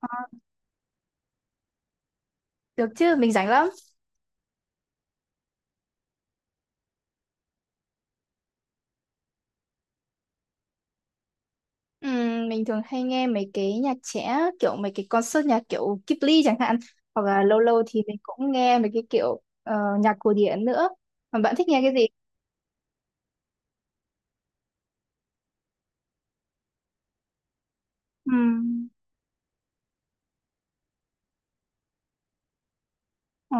Ờ, Được chứ, mình rảnh lắm. Mình thường hay nghe mấy cái nhạc trẻ, kiểu mấy cái concert nhạc kiểu Ghibli chẳng hạn. Hoặc là lâu lâu thì mình cũng nghe mấy cái kiểu nhạc cổ điển nữa. Mà bạn thích nghe cái gì? Ừm. Ờ,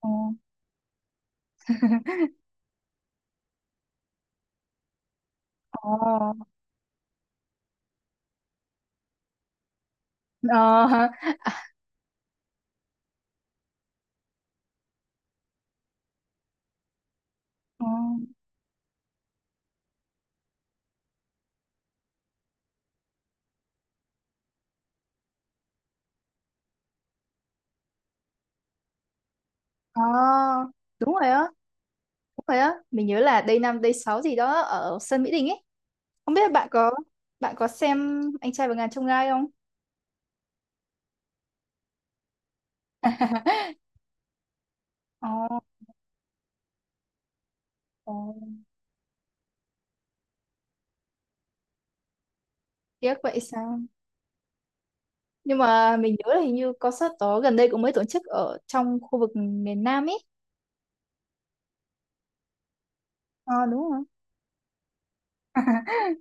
ờ, ờ, ờ, hả? Ờ, ờ, đúng rồi á, đúng rồi á. Mình nhớ là Day 5 Day 6 gì đó ở sân Mỹ Đình ấy. Không biết bạn có xem Anh trai và ngàn chông gai không? Ờ, ờ, tiếc vậy sao? Nhưng mà mình nhớ là hình như concert đó gần đây cũng mới tổ chức ở trong khu vực miền Nam ấy. Ờ đúng rồi.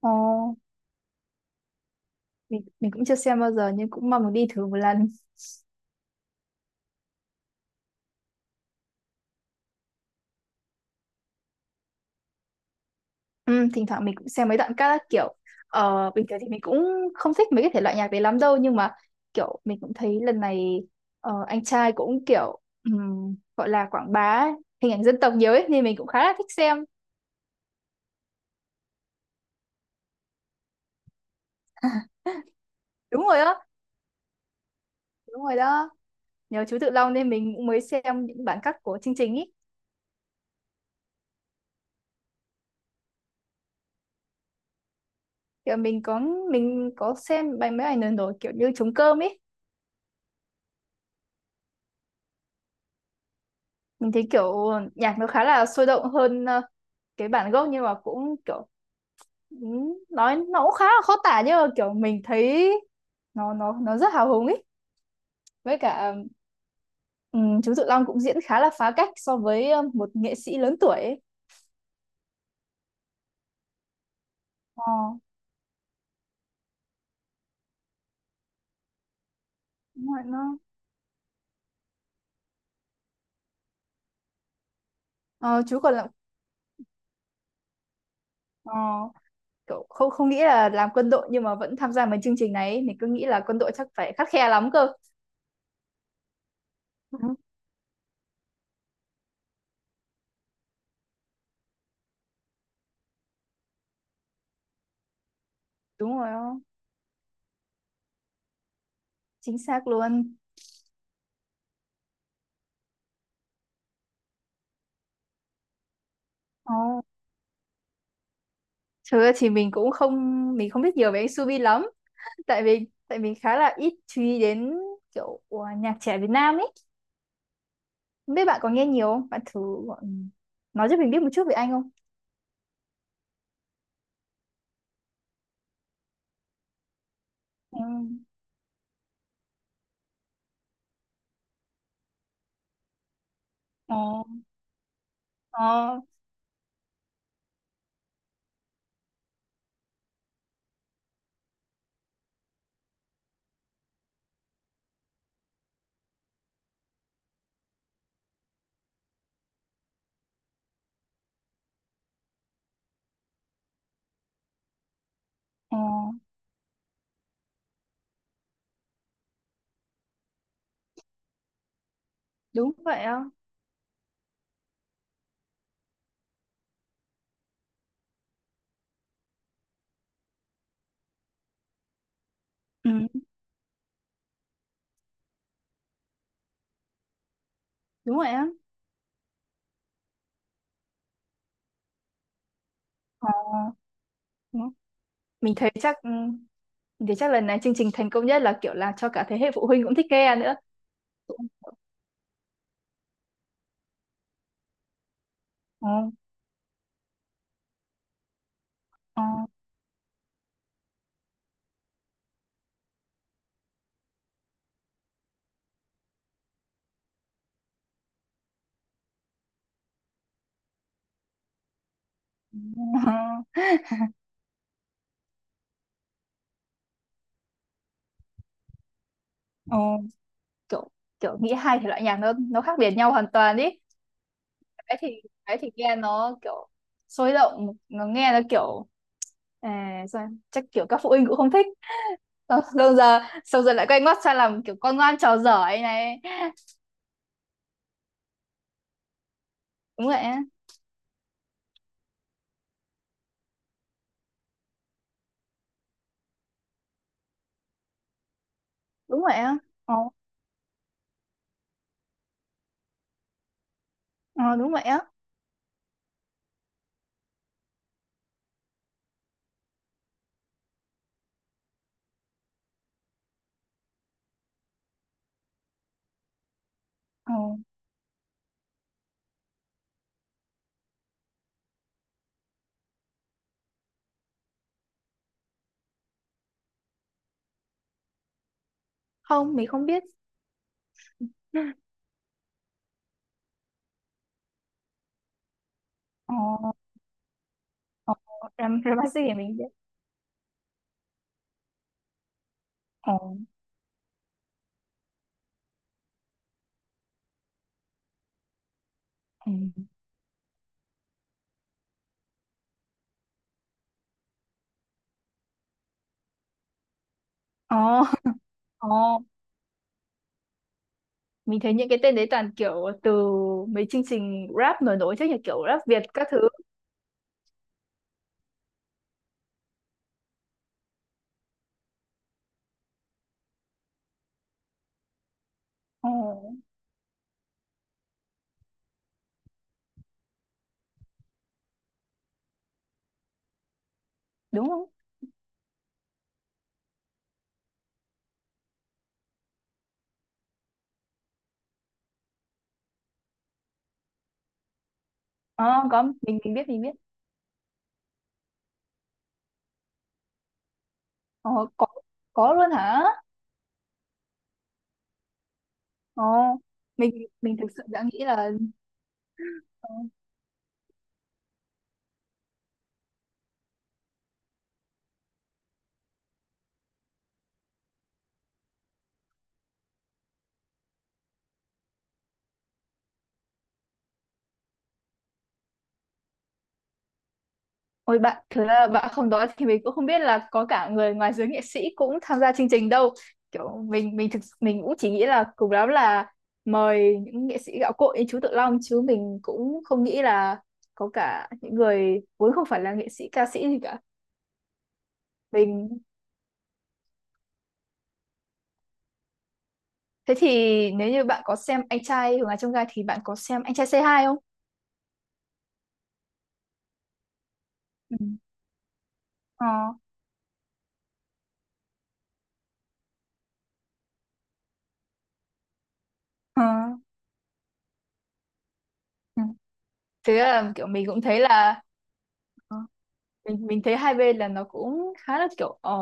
Ờ, mình cũng chưa xem bao giờ nhưng cũng mong được đi thử một lần. Ừ, thỉnh thoảng mình cũng xem mấy đoạn các kiểu. Bình thường thì mình cũng không thích mấy cái thể loại nhạc đấy lắm đâu, nhưng mà kiểu mình cũng thấy lần này anh trai cũng kiểu gọi là quảng bá hình ảnh dân tộc nhiều ấy, nên mình cũng khá là thích xem. Đúng rồi đó, đúng rồi đó. Nhờ chú Tự Long nên mình cũng mới xem những bản cắt của chương trình ý. Kiểu mình có xem bài mấy ảnh lần rồi, kiểu như trống cơm ấy. Mình thấy kiểu nhạc nó khá là sôi động hơn cái bản gốc, nhưng mà cũng kiểu nói nó cũng khá là khó tả, nhưng mà kiểu mình thấy nó rất hào hùng ấy. Với cả chú Tự Long cũng diễn khá là phá cách so với một nghệ sĩ lớn tuổi ấy. Ờ, đúng rồi, nó ờ, chú còn là ờ, kiểu không không nghĩ là làm quân đội nhưng mà vẫn tham gia mấy chương trình này ấy. Mình cứ nghĩ là quân đội chắc phải khắt khe lắm cơ. Ừ, đúng rồi á. Chính xác luôn. Oh, thực ra thì mình cũng không, mình không biết nhiều về anh Subi lắm, tại vì tại mình khá là ít chú ý đến kiểu nhạc trẻ Việt Nam ấy. Không biết bạn có nghe nhiều không, bạn thử gọi- nói cho mình biết một chút về anh không. Ừ. Ờ ờ ờ đúng vậy á. Ừ. Đúng vậy á. Ờ đúng. Mình thấy chắc ừ, mình thấy chắc lần này chương trình thành công nhất là kiểu là cho cả thế hệ phụ huynh cũng thích nghe nữa. Ờ ờ ờ ờ. Kiểu kiểu nghĩ hai thể loại nhạc nó khác biệt nhau hoàn toàn ý. Cái thì cái thì nghe nó kiểu sôi động, nó nghe nó kiểu à, chắc kiểu các phụ huynh cũng không thích. Xong xong giờ xong giờ lại quay ngoắt sang làm kiểu con ngoan trò giỏi ấy này. Đúng vậy á, đúng vậy á. Ờ, ờ, đúng vậy á. Ờ. Không, mình không biết. Ờ, ờ, làm thì mình biết. Ờ, ừ. Ờ, ờ. Mình thấy những cái tên đấy toàn kiểu từ mấy chương trình rap nổi nổi chứ, như kiểu rap Việt các thứ. Ờ đúng không. Ờ có, mình biết, mình biết. Ờ. có có luôn hả. Ờ, mình thực sự đã nghĩ là ờ, ôi bạn thứ là bạn không nói thì mình cũng không biết là có cả người ngoài giới nghệ sĩ cũng tham gia chương trình đâu. Kiểu mình thực mình cũng chỉ nghĩ là cùng lắm là mời những nghệ sĩ gạo cội như chú Tự Long, chứ mình cũng không nghĩ là có cả những người vốn không phải là nghệ sĩ ca sĩ gì cả. Mình thế thì nếu như bạn có xem anh trai Hùng Hà Trong Gai thì bạn có xem anh trai C2 không. Ừ. Ờ. Ờ, ừ. Thế là kiểu mình cũng thấy là ờ, mình thấy hai bên là nó cũng khá là kiểu ờ,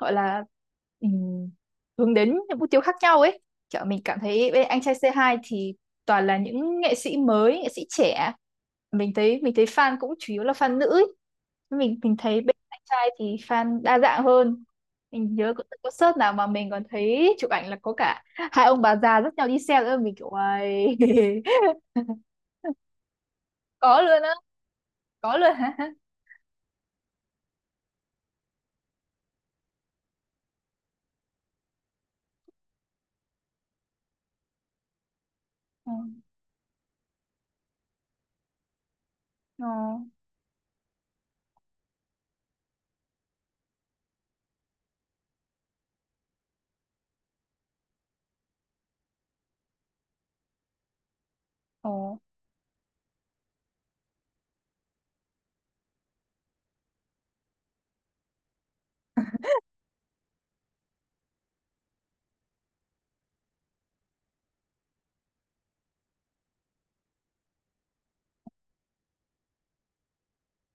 gọi là ừm, hướng đến những mục tiêu khác nhau ấy. Kiểu mình cảm thấy bên anh trai c hai thì toàn là những nghệ sĩ mới, nghệ sĩ trẻ. Mình thấy fan cũng chủ yếu là fan nữ ấy. Mình thấy bên anh trai thì fan đa dạng hơn. Mình nhớ có concert nào mà mình còn thấy chụp ảnh là có cả hai ông bà già dắt nhau đi xe nữa, mình kiểu "Uầy." Có luôn á. Có luôn hả. Ờ ờ ờ.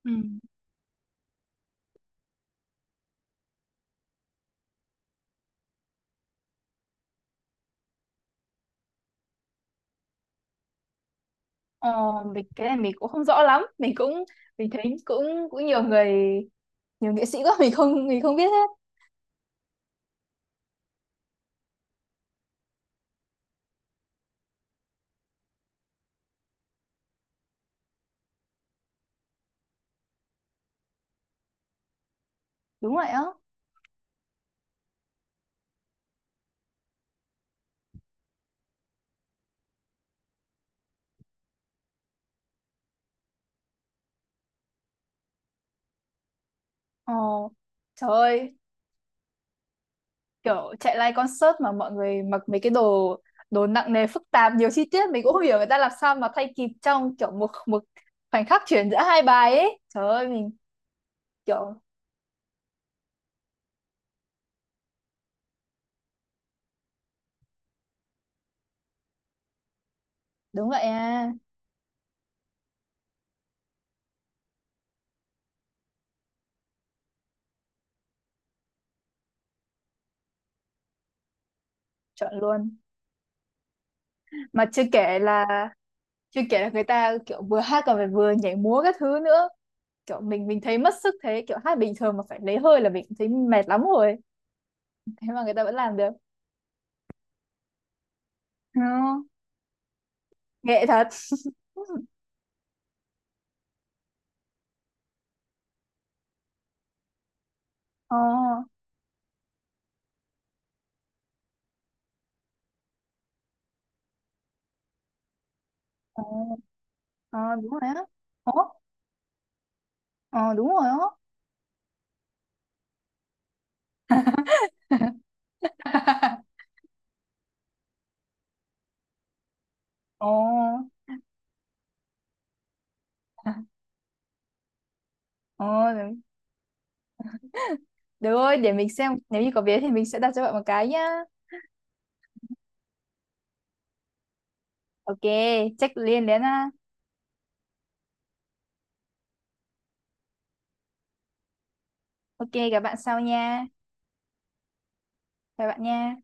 Ừ. Ờ, mình cái này mình cũng không rõ lắm, mình cũng mình thấy cũng cũng nhiều người, nhiều nghệ sĩ quá, mình không biết hết. Đúng vậy á. Ờ trời ơi, kiểu chạy live concert mà mọi người mặc mấy cái đồ, đồ nặng nề phức tạp nhiều chi tiết, mình cũng không hiểu người ta làm sao mà thay kịp trong kiểu một một khoảnh khắc chuyển giữa hai bài ấy, trời ơi mình kiểu đúng vậy à chọn luôn. Mà chưa kể là người ta kiểu vừa hát còn phải vừa nhảy múa các thứ nữa. Kiểu mình thấy mất sức thế, kiểu hát bình thường mà phải lấy hơi là mình cũng thấy mệt lắm rồi, thế mà người ta vẫn làm được. Ờ, nghệ thật. Ờ, ờ, ờ, đúng rồi á. Ủa, ờ, đúng rồi á. Ờ, ờ, được rồi, để mình xem nếu như có vé thì mình sẽ đặt cho bạn một cái nhá. Ok, check liền đến ha. Ok, gặp bạn sau nha. Chào bạn nha.